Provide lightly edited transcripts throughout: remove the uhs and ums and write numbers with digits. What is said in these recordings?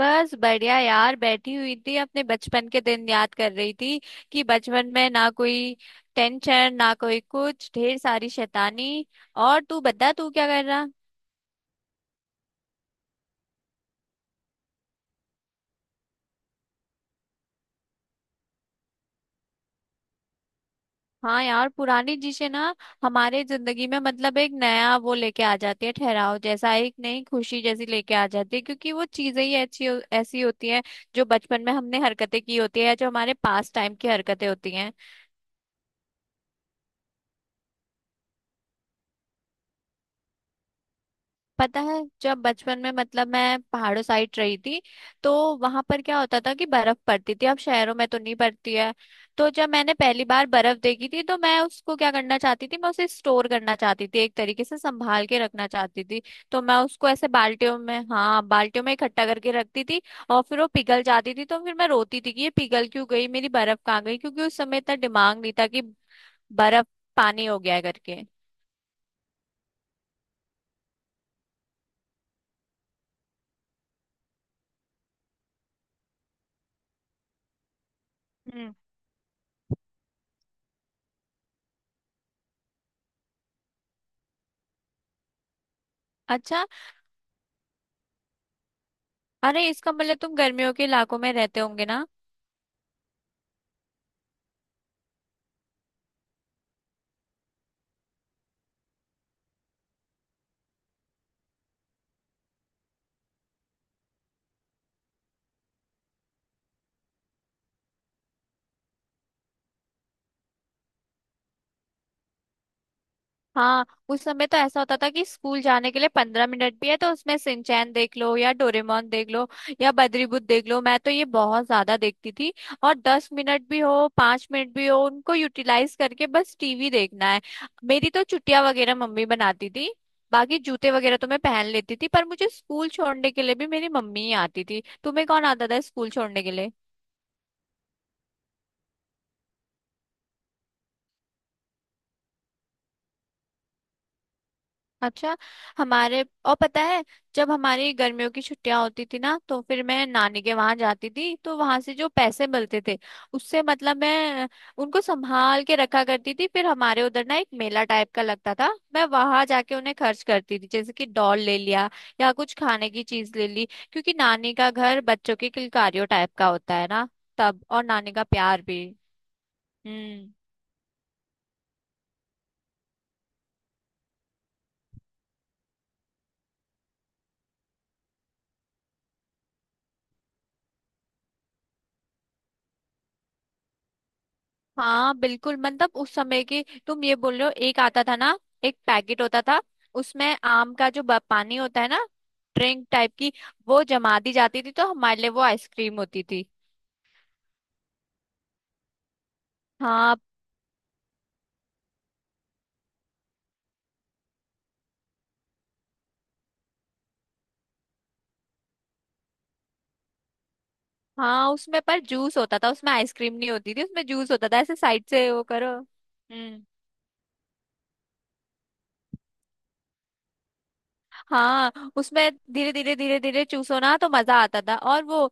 बस बढ़िया यार। बैठी हुई थी अपने बचपन के दिन याद कर रही थी कि बचपन में ना कोई टेंशन ना कोई, कुछ ढेर सारी शैतानी। और तू बता, तू क्या कर रहा। हाँ यार, पुरानी चीजें ना हमारे जिंदगी में मतलब एक नया वो लेके आ जाती है, ठहराव जैसा, एक नई खुशी जैसी लेके आ जाती है क्योंकि वो चीजें ही अच्छी ऐसी होती हैं जो बचपन में हमने हरकतें की होती है या जो हमारे पास टाइम की हरकतें होती हैं। पता है, जब बचपन में मतलब मैं पहाड़ों साइड रही थी तो वहां पर क्या होता था कि बर्फ पड़ती थी। अब शहरों में तो नहीं पड़ती है। तो जब मैंने पहली बार बर्फ देखी थी तो मैं उसको क्या करना चाहती थी, मैं उसे स्टोर करना चाहती थी, एक तरीके से संभाल के रखना चाहती थी। तो मैं उसको ऐसे बाल्टियों में, हाँ, बाल्टियों में इकट्ठा करके रखती थी। और फिर वो पिघल जाती थी तो फिर मैं रोती थी कि ये पिघल क्यों गई, मेरी बर्फ कहाँ गई, क्योंकि उस समय इतना दिमाग नहीं था कि बर्फ पानी हो गया है करके। हम्म। अच्छा। अरे इसका मतलब तुम गर्मियों के इलाकों में रहते होंगे ना। हाँ, उस समय तो ऐसा होता था कि स्कूल जाने के लिए 15 मिनट भी है तो उसमें सिंचैन देख लो या डोरेमोन देख लो या बद्रीबुत देख लो। मैं तो ये बहुत ज्यादा देखती थी। और 10 मिनट भी हो, 5 मिनट भी हो, उनको यूटिलाइज करके बस टीवी देखना है। मेरी तो चुटिया वगैरह मम्मी बनाती थी, बाकी जूते वगैरह तो मैं पहन लेती थी। पर मुझे स्कूल छोड़ने के लिए भी मेरी मम्मी ही आती थी। तुम्हें कौन आता था स्कूल छोड़ने के लिए? अच्छा। हमारे और पता है, जब हमारी गर्मियों की छुट्टियां होती थी ना तो फिर मैं नानी के वहां जाती थी, तो वहां से जो पैसे मिलते थे उससे मतलब मैं उनको संभाल के रखा करती थी। फिर हमारे उधर ना एक मेला टाइप का लगता था, मैं वहां जाके उन्हें खर्च करती थी, जैसे कि डॉल ले लिया या कुछ खाने की चीज ले ली। क्योंकि नानी का घर बच्चों के किलकारियों टाइप का होता है ना, तब और नानी का प्यार भी। हम्म। हाँ, बिल्कुल। मतलब उस समय की तुम ये बोल रहे हो, एक आता था ना, एक पैकेट होता था, उसमें आम का जो पानी होता है ना, ड्रिंक टाइप की, वो जमा दी जाती थी तो हमारे लिए वो आइसक्रीम होती थी। हाँ, हाँ, उसमें पर जूस होता था, उसमें आइसक्रीम नहीं होती थी, उसमें जूस होता था ऐसे साइड से वो करो। हम्म। हाँ, उसमें धीरे धीरे धीरे धीरे चूसो ना तो मजा आता था। और वो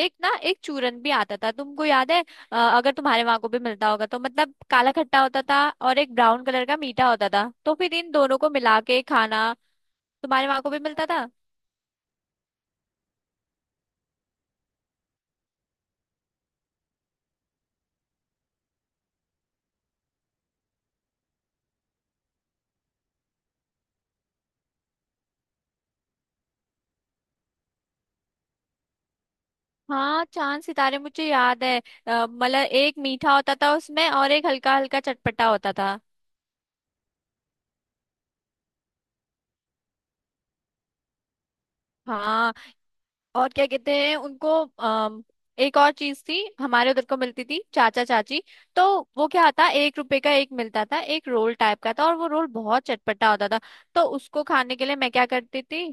एक ना एक चूरन भी आता था, तुमको याद है? अगर तुम्हारे वहां को भी मिलता होगा तो मतलब काला खट्टा होता था और एक ब्राउन कलर का मीठा होता था, तो फिर इन दोनों को मिला के खाना। तुम्हारे वहां को भी मिलता था? हाँ, चांद सितारे मुझे याद है। मतलब एक मीठा होता था उसमें और एक हल्का हल्का चटपटा होता था। हाँ। और क्या कहते हैं उनको? अम, एक और चीज थी हमारे उधर को मिलती थी, चाचा चाची। तो वो क्या आता, एक रुपए का एक मिलता था, एक रोल टाइप का था और वो रोल बहुत चटपटा होता था। तो उसको खाने के लिए मैं क्या करती थी?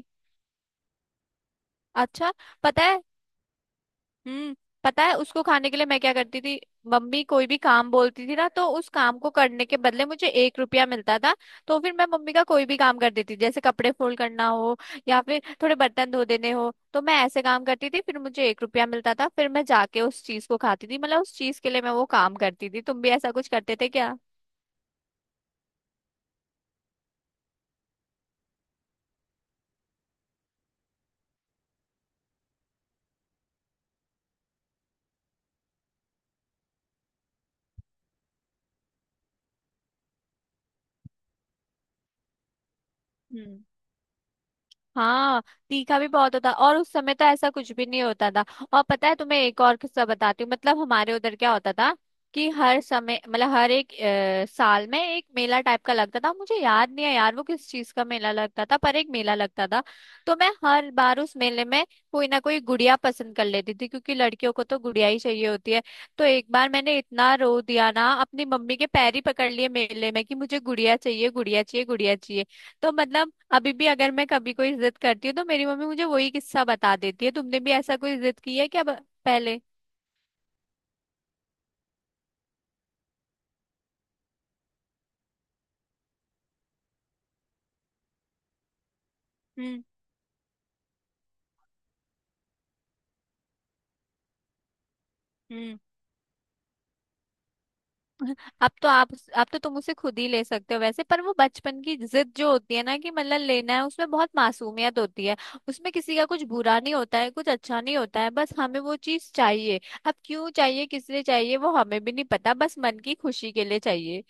अच्छा। पता है। हम्म। पता है, उसको खाने के लिए मैं क्या करती थी? मम्मी कोई भी काम बोलती थी ना, तो उस काम को करने के बदले मुझे एक रुपया मिलता था। तो फिर मैं मम्मी का कोई भी काम कर देती थी, जैसे कपड़े फोल्ड करना हो या फिर थोड़े बर्तन धो देने हो, तो मैं ऐसे काम करती थी, फिर मुझे एक रुपया मिलता था, फिर मैं जाके उस चीज को खाती थी। मतलब उस चीज के लिए मैं वो काम करती थी। तुम भी ऐसा कुछ करते थे क्या? हम्म। हाँ, तीखा भी बहुत होता और उस समय तो ऐसा कुछ भी नहीं होता था। और पता है तुम्हें, एक और किस्सा बताती हूँ। मतलब हमारे उधर क्या होता था कि हर समय मतलब हर एक साल में एक मेला टाइप का लगता था। मुझे याद नहीं है यार वो किस चीज का मेला लगता था, पर एक मेला लगता था। तो मैं हर बार उस मेले में कोई ना कोई गुड़िया पसंद कर लेती थी, क्योंकि लड़कियों को तो गुड़िया ही चाहिए होती है। तो एक बार मैंने इतना रो दिया ना, अपनी मम्मी के पैर ही पकड़ लिए मेले में कि मुझे गुड़िया चाहिए, गुड़िया चाहिए, गुड़िया चाहिए। तो मतलब अभी भी अगर मैं कभी कोई जिद करती हूँ तो मेरी मम्मी मुझे वही किस्सा बता देती है। तुमने भी ऐसा कोई जिद की है क्या पहले? हम्म। हम्म। अब तो आप अब तो तुम उसे खुद ही ले सकते हो वैसे। पर वो बचपन की जिद जो होती है ना कि मतलब लेना है, उसमें बहुत मासूमियत होती है। उसमें किसी का कुछ बुरा नहीं होता है, कुछ अच्छा नहीं होता है, बस हमें वो चीज चाहिए। अब क्यों चाहिए, किस लिए चाहिए, वो हमें भी नहीं पता, बस मन की खुशी के लिए चाहिए।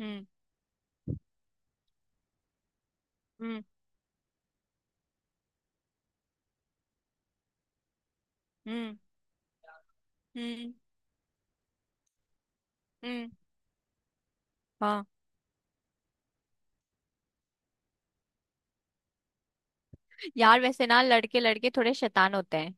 हम्म। हम्म। हम्म। हम्म। हम्म, हाँ। यार वैसे ना लड़के लड़के थोड़े शैतान होते हैं।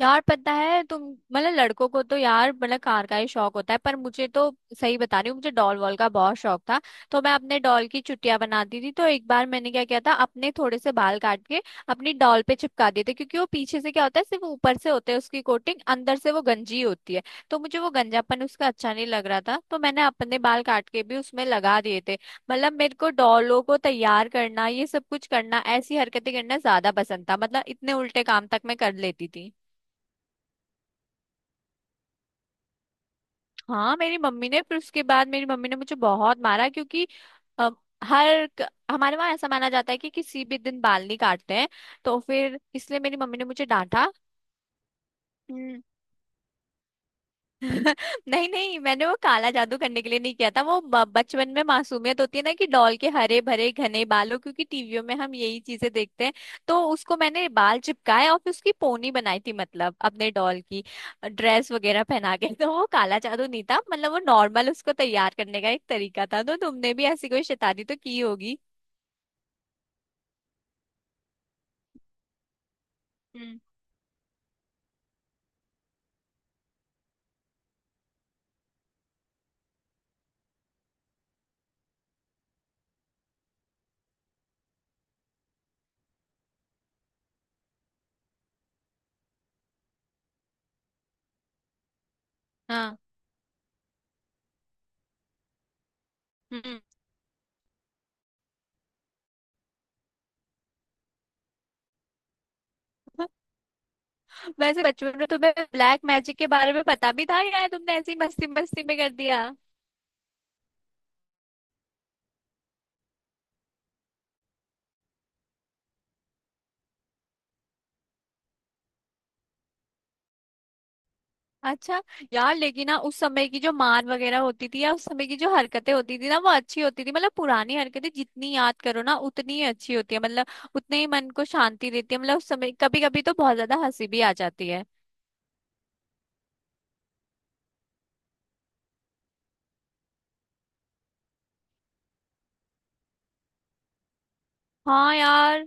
यार, पता है तुम, मतलब लड़कों को तो यार मतलब कार का ही शौक होता है। पर मुझे तो, सही बता रही हूँ, मुझे डॉल वॉल का बहुत शौक था। तो मैं अपने डॉल की चुटिया बनाती थी। तो एक बार मैंने क्या किया था, अपने थोड़े से बाल काट के अपनी डॉल पे चिपका दिए थे। क्योंकि वो पीछे से क्या होता है, सिर्फ ऊपर से होता है उसकी कोटिंग, अंदर से वो गंजी होती है। तो मुझे वो गंजापन उसका अच्छा नहीं लग रहा था, तो मैंने अपने बाल काट के भी उसमें लगा दिए थे। मतलब मेरे को डॉलों को तैयार करना, ये सब कुछ करना, ऐसी हरकतें करना ज्यादा पसंद था। मतलब इतने उल्टे काम तक मैं कर लेती थी। हाँ, मेरी मम्मी ने, फिर उसके बाद मेरी मम्मी ने मुझे बहुत मारा। क्योंकि अ, हमारे वहाँ ऐसा माना जाता है कि किसी भी दिन बाल नहीं काटते हैं। तो फिर इसलिए मेरी मम्मी ने मुझे डांटा। नहीं नहीं, मैंने वो काला जादू करने के लिए नहीं किया था। वो बचपन में मासूमियत होती है ना कि डॉल के हरे भरे घने बालों, क्योंकि टीवियों में हम यही चीजें देखते हैं। तो उसको मैंने बाल चिपकाए और फिर उसकी पोनी बनाई थी, मतलब अपने डॉल की ड्रेस वगैरह पहना के। तो वो काला जादू नहीं था, मतलब वो नॉर्मल उसको तैयार करने का एक तरीका था। तो तुमने भी ऐसी कोई शैतानी तो की होगी। हम्म। हाँ। हम्म। वैसे बचपन में तुम्हें ब्लैक मैजिक के बारे में पता भी था, या तुमने ऐसी मस्ती मस्ती में कर दिया? अच्छा। यार लेकिन ना उस समय की जो मान वगैरह होती थी या उस समय की जो हरकतें होती थी ना वो अच्छी होती थी। मतलब पुरानी हरकतें जितनी याद करो ना उतनी ही अच्छी होती है। मतलब उतने ही मन को शांति देती है। मतलब उस समय कभी कभी तो बहुत ज्यादा हंसी भी आ जाती है। हाँ यार।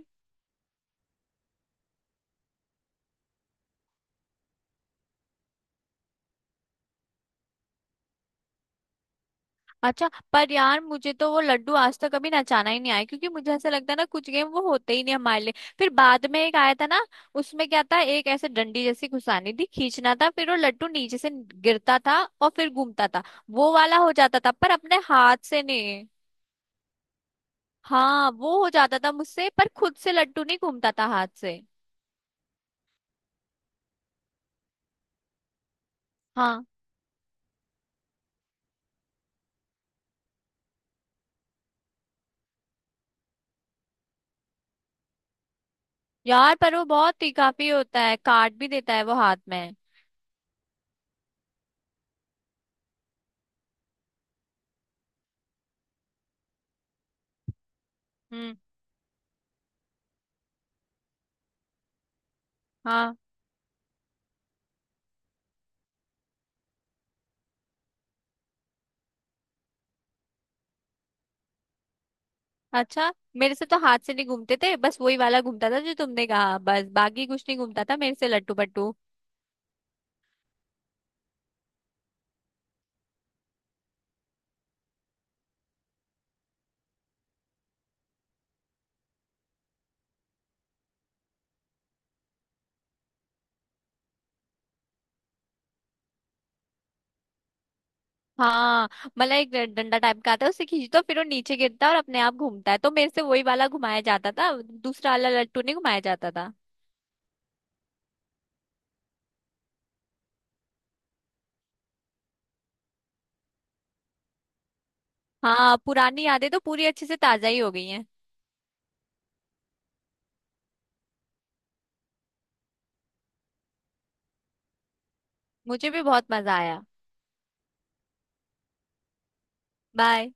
अच्छा। पर यार मुझे तो वो लड्डू आज तक कभी नचाना ही नहीं आया, क्योंकि मुझे ऐसा लगता है ना कुछ गेम वो होते ही नहीं हमारे लिए। फिर बाद में एक आया था ना, उसमें क्या था, एक ऐसे डंडी जैसी घुसानी थी, खींचना था, फिर वो लड्डू नीचे से गिरता था और फिर घूमता था। वो वाला हो जाता था पर अपने हाथ से नहीं। हाँ, वो हो जाता था मुझसे, पर खुद से लड्डू नहीं घूमता था हाथ से। हाँ यार, पर वो बहुत ही काफी होता है, काट भी देता है वो हाथ में। हम्म। हाँ। अच्छा, मेरे से तो हाथ से नहीं घूमते थे, बस वही वाला घूमता था जो तुमने कहा। बस बाकी कुछ नहीं घूमता था मेरे से, लट्टू पट्टू। हाँ, मतलब एक डंडा टाइप का आता है, उसे खींचो तो फिर वो नीचे गिरता है और अपने आप घूमता है। तो मेरे से वही वाला घुमाया जाता था, दूसरा वाला लट्टू नहीं घुमाया जाता था। हाँ, पुरानी यादें तो पूरी अच्छे से ताजा ही हो गई हैं। मुझे भी बहुत मजा आया। बाय।